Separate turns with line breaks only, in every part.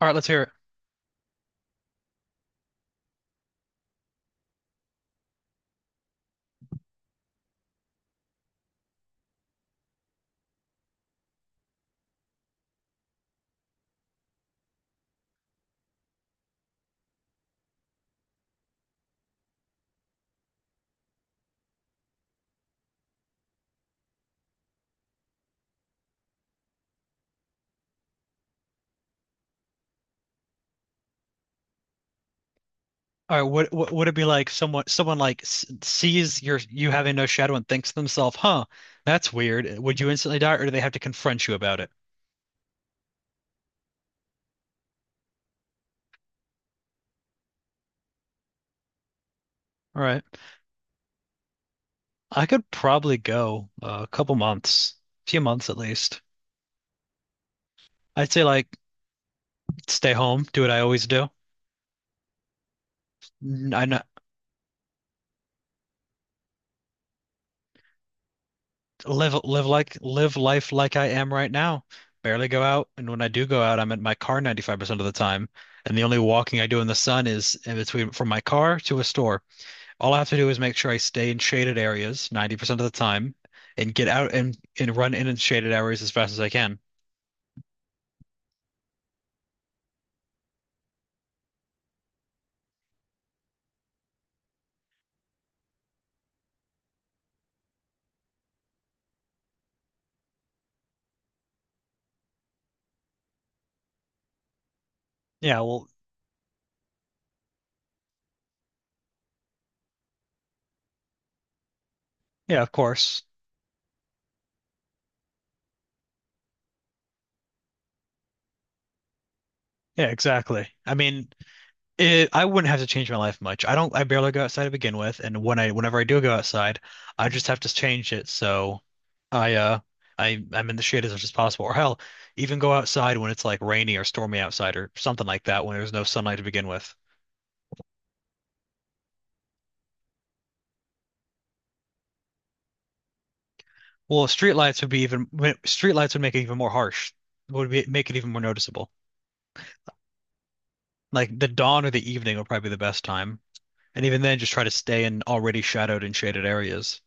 All right, let's hear it. All right, what would it be like? Someone, sees you having no shadow and thinks to themselves, "Huh, that's weird." Would you instantly die, or do they have to confront you about it? All right, I could probably go a couple months, few months at least. I'd say like stay home, do what I always do. N- I not live life like I am right now. Barely go out, and when I do go out, I'm in my car 95% of the time, and the only walking I do in the sun is in between from my car to a store. All I have to do is make sure I stay in shaded areas 90% of the time and get out and run in and shaded areas as fast as I can. Yeah, well, yeah, of course. Yeah, exactly. I mean, I wouldn't have to change my life much. I don't, I barely go outside to begin with, and whenever I do go outside, I just have to change it so I, uh, I'm in the shade as much as possible. Or hell, even go outside when it's like rainy or stormy outside or something like that when there's no sunlight to begin with. Well, street lights would be even, street lights would make it even more harsh. Make it even more noticeable. Like the dawn or the evening would probably be the best time, and even then, just try to stay in already shadowed and shaded areas.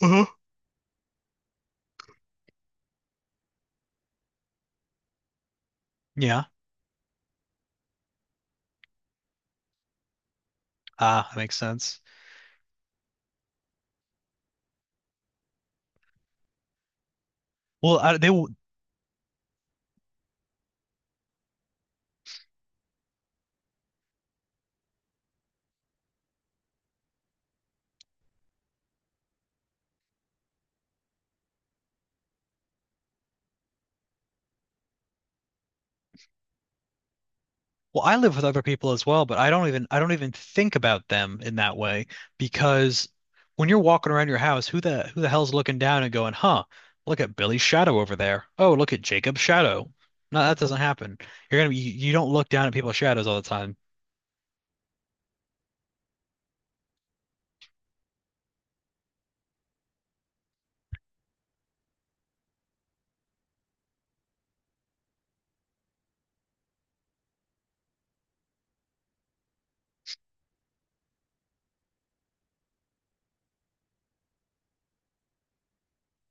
Uh-huh. Yeah, ah, that makes sense. Well, I, they will. Well, I live with other people as well, but I don't even think about them in that way because when you're walking around your house, who the hell's looking down and going, "Huh, look at Billy's shadow over there. Oh, look at Jacob's shadow." No, that doesn't happen. You're gonna be, you don't look down at people's shadows all the time.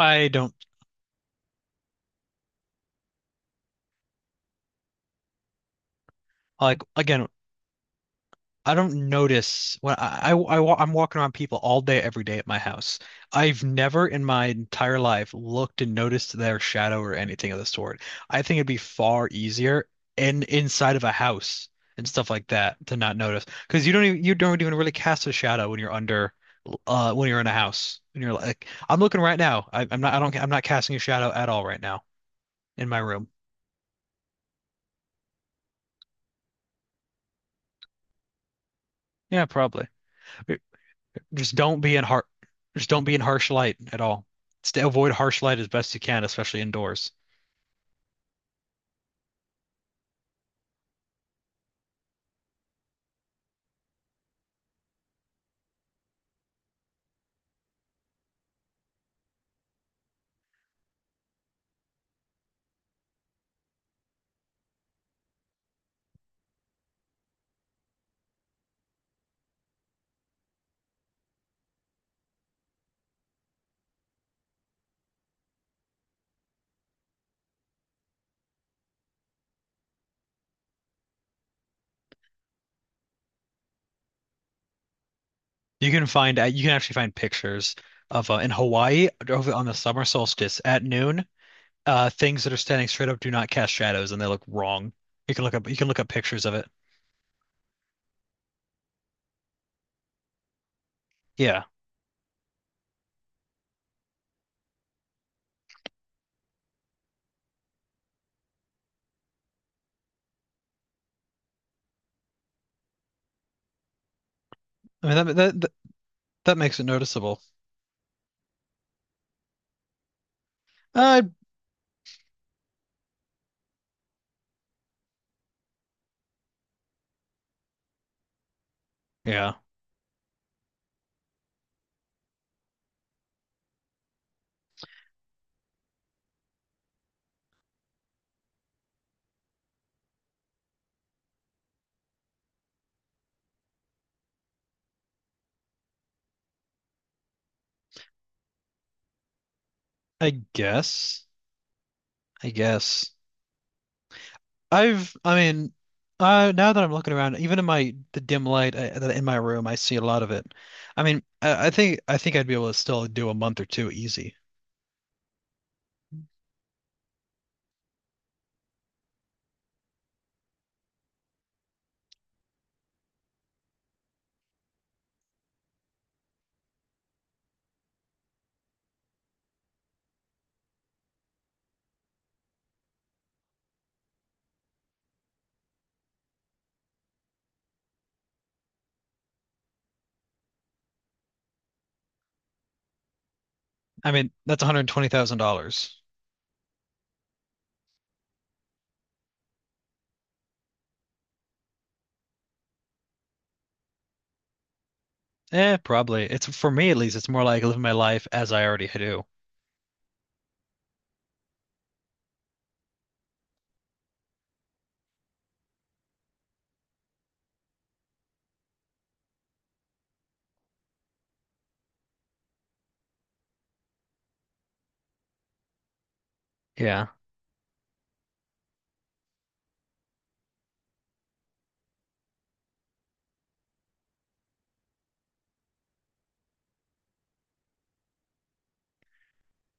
I don't like again. I don't notice when I'm walking around people all day, every day at my house. I've never in my entire life looked and noticed their shadow or anything of the sort. I think it'd be far easier in inside of a house and stuff like that to not notice because you don't even really cast a shadow when you're under when you're in a house and you're like I'm looking right now. I'm not casting a shadow at all right now in my room. Yeah, probably. just don't be in har just don't be in harsh light at all. Stay, avoid harsh light as best you can, especially indoors. You can find you can actually find pictures of in Hawaii over on the summer solstice at noon. Things that are standing straight up do not cast shadows, and they look wrong. You can look up pictures of it. Yeah, I mean that makes it noticeable. Uh, yeah, I guess. I guess. I mean, now that I'm looking around, even in my the dim light in my room, I see a lot of it. I mean, I think I'd be able to still do a month or two easy. I mean, that's $120,000. Eh, probably. It's for me at least, it's more like living my life as I already do. Yeah.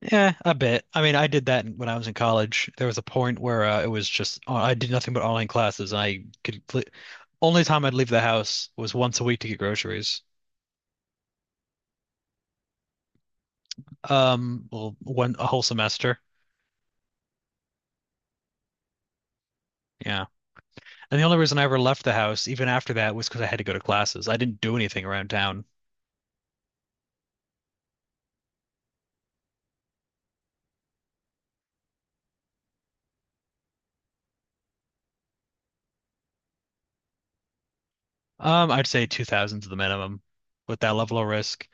Yeah, a bit. I mean, I did that when I was in college. There was a point where it was just I did nothing but online classes. And I could only time I'd leave the house was once a week to get groceries. Well, one a whole semester. Yeah. And the only reason I ever left the house, even after that, was because I had to go to classes. I didn't do anything around town. I'd say 2000's the minimum with that level of risk.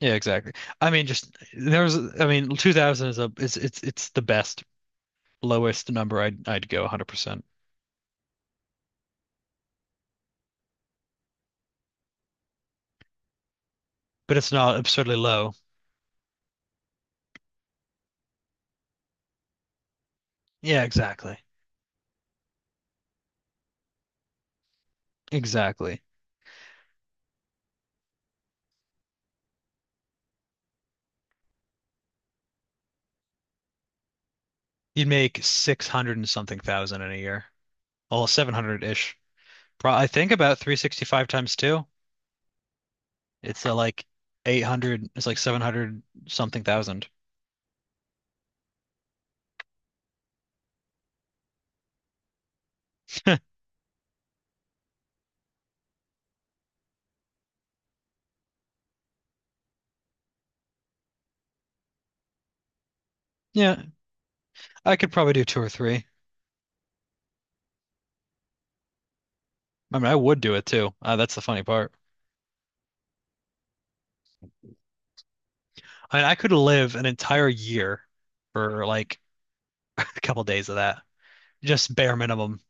Yeah, exactly. I mean, just there was. I mean, 2000 is a it's the best lowest number I'd go 100%. But it's not absurdly low. Yeah, exactly. Exactly. You'd make 600 and something thousand in a year. Well, 700-ish. Pro I think about 365 times two. It's like 800, it's like 700 something thousand. Yeah, I could probably do two or three. I mean, I would do it too. That's the funny part. I mean, I could live an entire year for like a couple days of that, just bare minimum.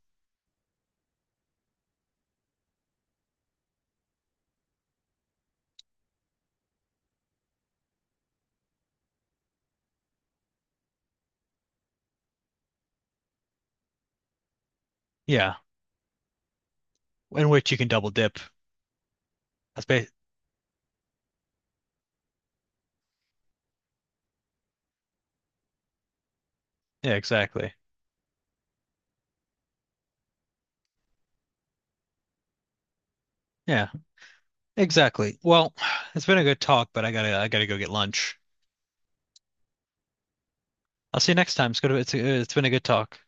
Yeah, in which you can double dip. That's ba- yeah, exactly. Yeah, exactly. Well, it's been a good talk, but I gotta go get lunch. I'll see you next time. It's good. It's been a good talk.